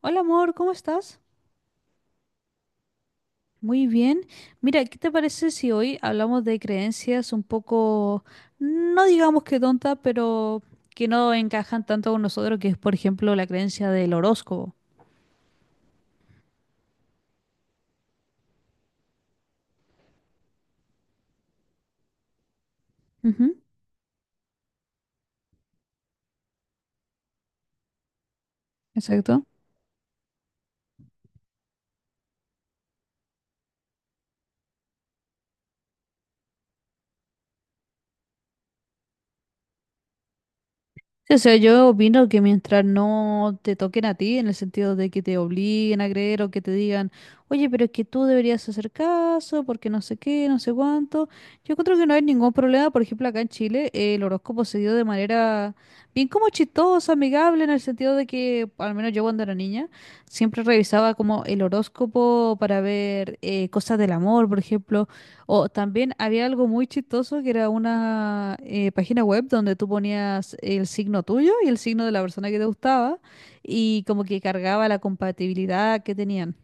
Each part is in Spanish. Hola amor, ¿cómo estás? Muy bien. Mira, ¿qué te parece si hoy hablamos de creencias un poco, no digamos que tontas, pero que no encajan tanto con nosotros, que es por ejemplo la creencia del horóscopo? Ujú. Exacto. Sí, o sea, yo opino que mientras no te toquen a ti, en el sentido de que te obliguen a creer o que te digan, oye, pero es que tú deberías hacer caso porque no sé qué, no sé cuánto, yo creo que no hay ningún problema. Por ejemplo, acá en Chile el horóscopo se dio de manera bien como chistosa, amigable, en el sentido de que, al menos yo cuando era niña, siempre revisaba como el horóscopo para ver cosas del amor, por ejemplo. O también había algo muy chistoso que era una página web donde tú ponías el signo tuyo y el signo de la persona que te gustaba y como que cargaba la compatibilidad que tenían.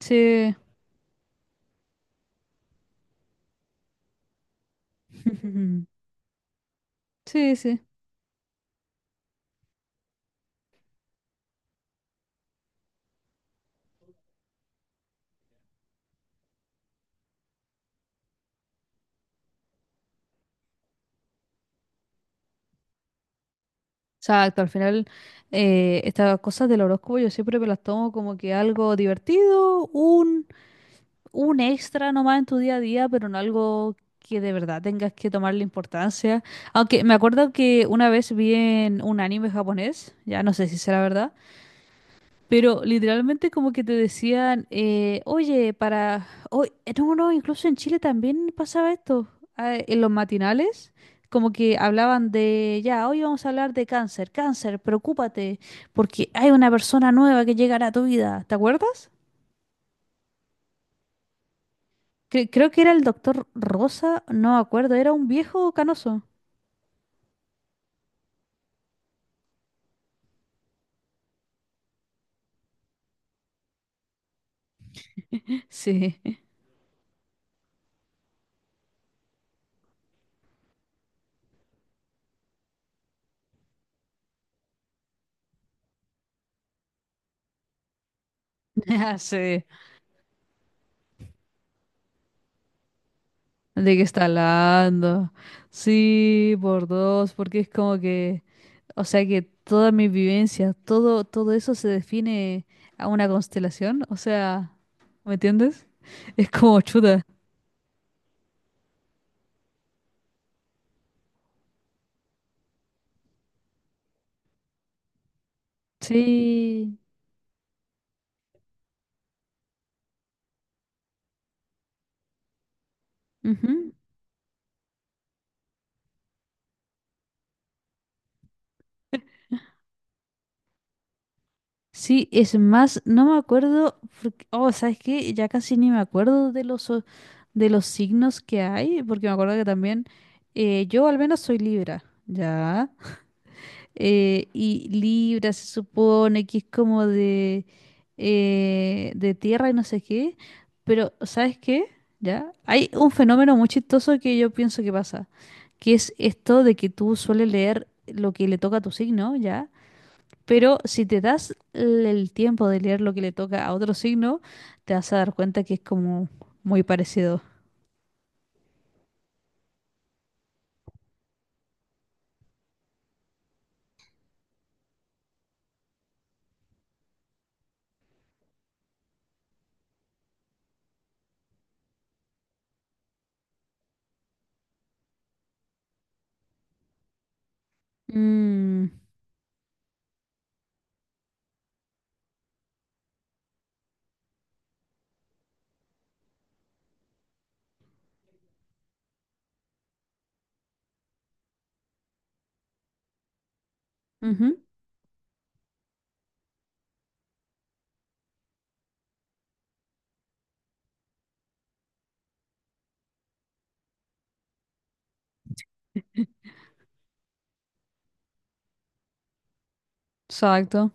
Sí, sí. Exacto, al final estas cosas del horóscopo yo siempre me las tomo como que algo divertido, un extra nomás en tu día a día, pero no algo que de verdad tengas que tomarle importancia. Aunque me acuerdo que una vez vi en un anime japonés, ya no sé si será verdad, pero literalmente como que te decían, oye, para... oye, no, no, incluso en Chile también pasaba esto, ah, en los matinales. Como que hablaban de, ya, hoy vamos a hablar de cáncer, cáncer, preocúpate, porque hay una persona nueva que llegará a tu vida, ¿te acuerdas? Creo que era el doctor Rosa, no me acuerdo, era un viejo canoso. Sí, ya sé de qué está hablando. Sí, por dos, porque es como que, o sea que toda mi vivencia, todo eso se define a una constelación, o sea, ¿me entiendes? Es como chuda. Sí. Ujú. Sí, es más, no me acuerdo, oh, ¿sabes qué? Ya casi ni me acuerdo de de los signos que hay, porque me acuerdo que también yo al menos soy Libra, ¿ya? Y Libra se supone que es como de tierra y no sé qué, pero ¿sabes qué? ¿Ya? Hay un fenómeno muy chistoso que yo pienso que pasa, que es esto de que tú sueles leer lo que le toca a tu signo, ¿ya? Pero si te das el tiempo de leer lo que le toca a otro signo, te vas a dar cuenta que es como muy parecido. Mm, ujú, exacto.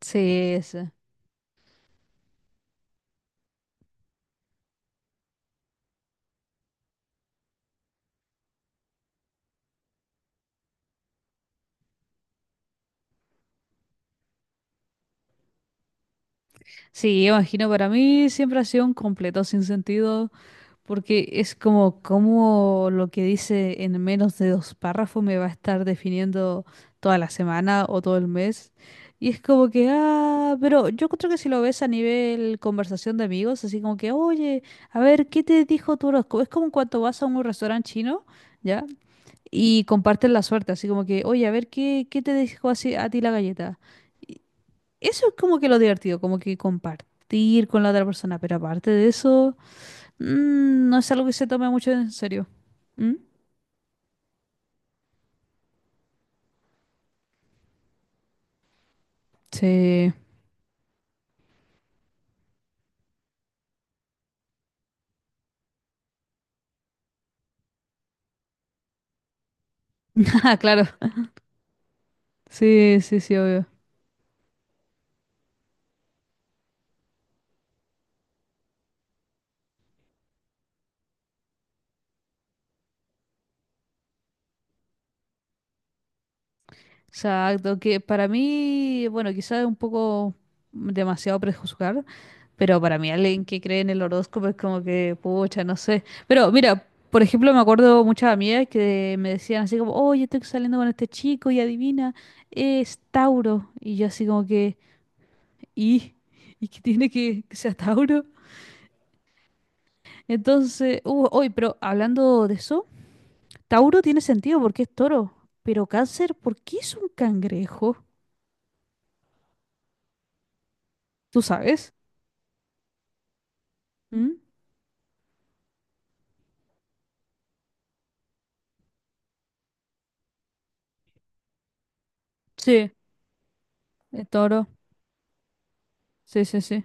Sí, sí. Sí, imagino para mí siempre ha sido un completo sin sentido. Porque es como, como lo que dice en menos de dos párrafos me va a estar definiendo toda la semana o todo el mes. Y es como que, ah, pero yo creo que si lo ves a nivel conversación de amigos, así como que, oye, a ver, ¿qué te dijo tu horóscopo? Es como cuando vas a un restaurante chino, ¿ya? Y comparten la suerte, así como que, oye, a ver, ¿qué te dijo así a ti la galleta? Eso es como que lo divertido, como que compartir con la otra persona, pero aparte de eso... Mm, no es algo que se tome mucho en serio. ¿Mm? Sí. Ah, claro. Sí, sí, sí, obvio. Exacto, que para mí, bueno, quizás es un poco demasiado prejuzgar, pero para mí alguien que cree en el horóscopo es como que, pucha, no sé. Pero mira, por ejemplo, me acuerdo muchas amigas que me decían así como, oye, estoy saliendo con este chico y adivina, es Tauro. Y yo así como que, ¿y? ¿Y qué tiene que sea Tauro? Entonces, pero hablando de eso... Tauro tiene sentido porque es toro, pero cáncer, ¿por qué es un cangrejo? ¿Tú sabes? ¿Mm? Sí, es toro. Sí, sí, sí.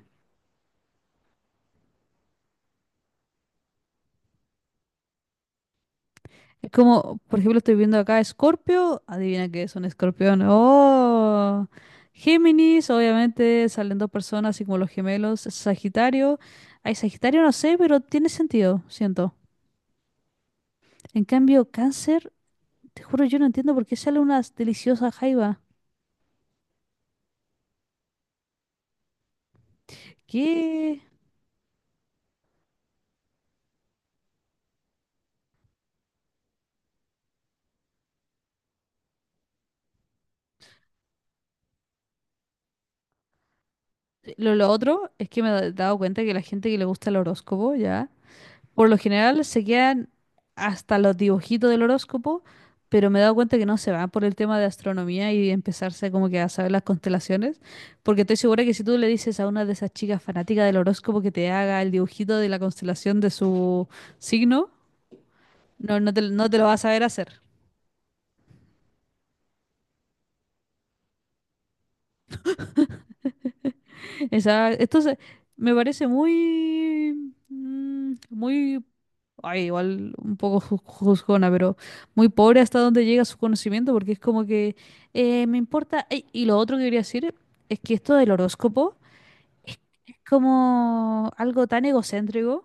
Es como, por ejemplo, estoy viendo acá Escorpio. Adivina qué es un escorpión. ¡Oh! Géminis, obviamente, salen dos personas, así como los gemelos. Sagitario. Ay, Sagitario no sé, pero tiene sentido, siento. En cambio, Cáncer, te juro, yo no entiendo por qué sale una deliciosa jaiba. ¿Qué? Sí, lo otro es que me he dado cuenta que la gente que le gusta el horóscopo, ya, por lo general se quedan hasta los dibujitos del horóscopo, pero me he dado cuenta que no se van por el tema de astronomía y empezarse como que a saber las constelaciones, porque estoy segura que si tú le dices a una de esas chicas fanáticas del horóscopo que te haga el dibujito de la constelación de su signo, no, no te lo vas a saber hacer. Esa, entonces, me parece muy, mm, muy, ay, igual un poco juzgona, pero muy pobre hasta donde llega su conocimiento, porque es como que me importa. Ey, y lo otro que quería decir es que esto del horóscopo es, es como algo tan egocéntrico,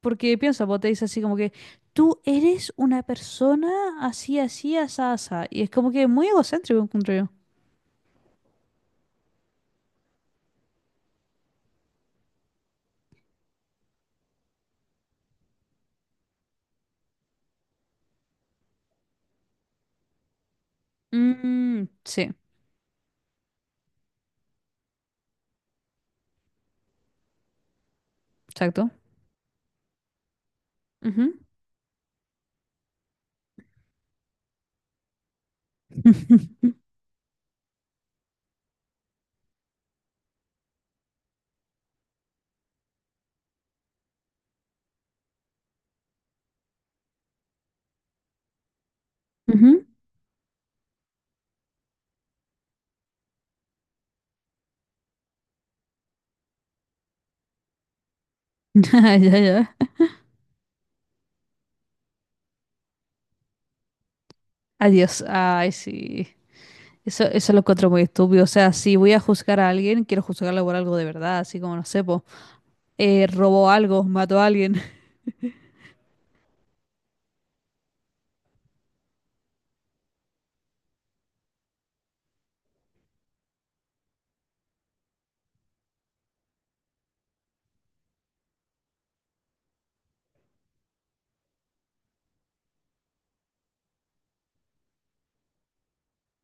porque piensa, vos te dice así como que tú eres una persona así, así, asá, asá, y es como que muy egocéntrico, encuentro yo. Mm, sí, exacto. Ujú. Ujú. Ya, ya. Adiós. Ay, sí. Eso lo encuentro muy estúpido. O sea, si voy a juzgar a alguien, quiero juzgarlo por algo de verdad, así como, no sé, po, robó algo, mató a alguien.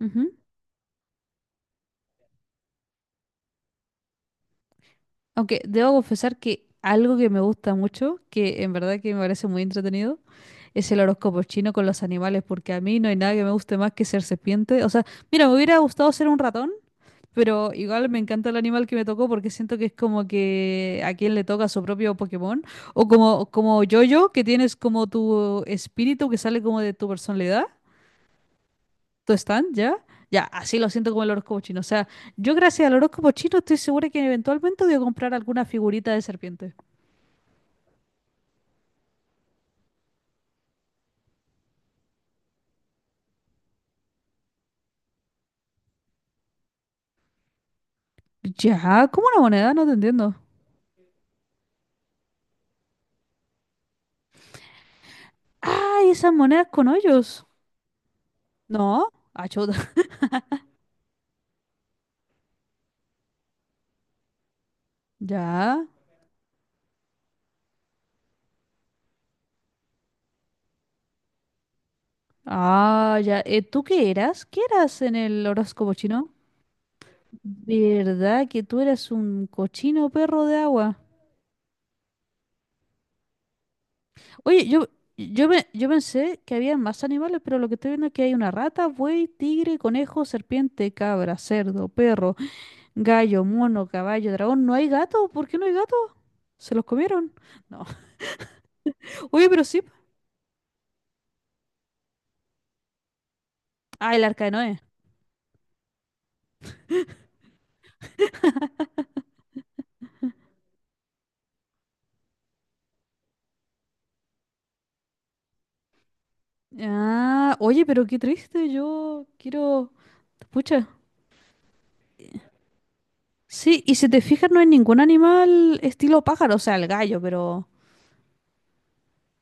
Ujú. Aunque debo confesar que algo que me gusta mucho, que en verdad que me parece muy entretenido, es el horóscopo chino con los animales, porque a mí no hay nada que me guste más que ser serpiente. O sea, mira, me hubiera gustado ser un ratón, pero igual me encanta el animal que me tocó porque siento que es como que a quien le toca su propio Pokémon. O como, como yo que tienes como tu espíritu que sale como de tu personalidad, tu stand, ¿ya? Ya, así lo siento como el horóscopo chino. O sea, yo gracias al horóscopo chino estoy segura que eventualmente voy a comprar alguna figurita de serpiente. Ya, ¿como una moneda? No te entiendo. ¡Ay, esas monedas con hoyos! No, achuda. Ya. Ah, ya. ¿Tú qué eras? ¿Qué eras en el horóscopo chino? ¿Verdad que tú eras un cochino perro de agua? Oye, yo pensé que había más animales, pero lo que estoy viendo es que hay una rata, buey, tigre, conejo, serpiente, cabra, cerdo, perro, gallo, mono, caballo, dragón. ¿No hay gato? ¿Por qué no hay gato? ¿Se los comieron? No. Oye, pero sí. Ah, el arca de Noé. Ah, oye, pero qué triste. Yo quiero... Pucha. Sí, y si te fijas, no hay ningún animal estilo pájaro, o sea, el gallo, pero...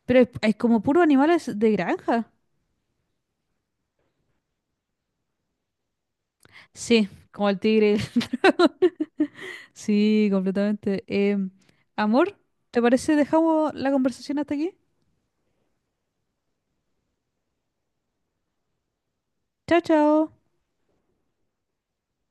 pero es como puro animales de granja. Sí, como el tigre y el dragón. Sí, completamente. Em, amor, ¿te parece dejamos la conversación hasta aquí? Chao, chao.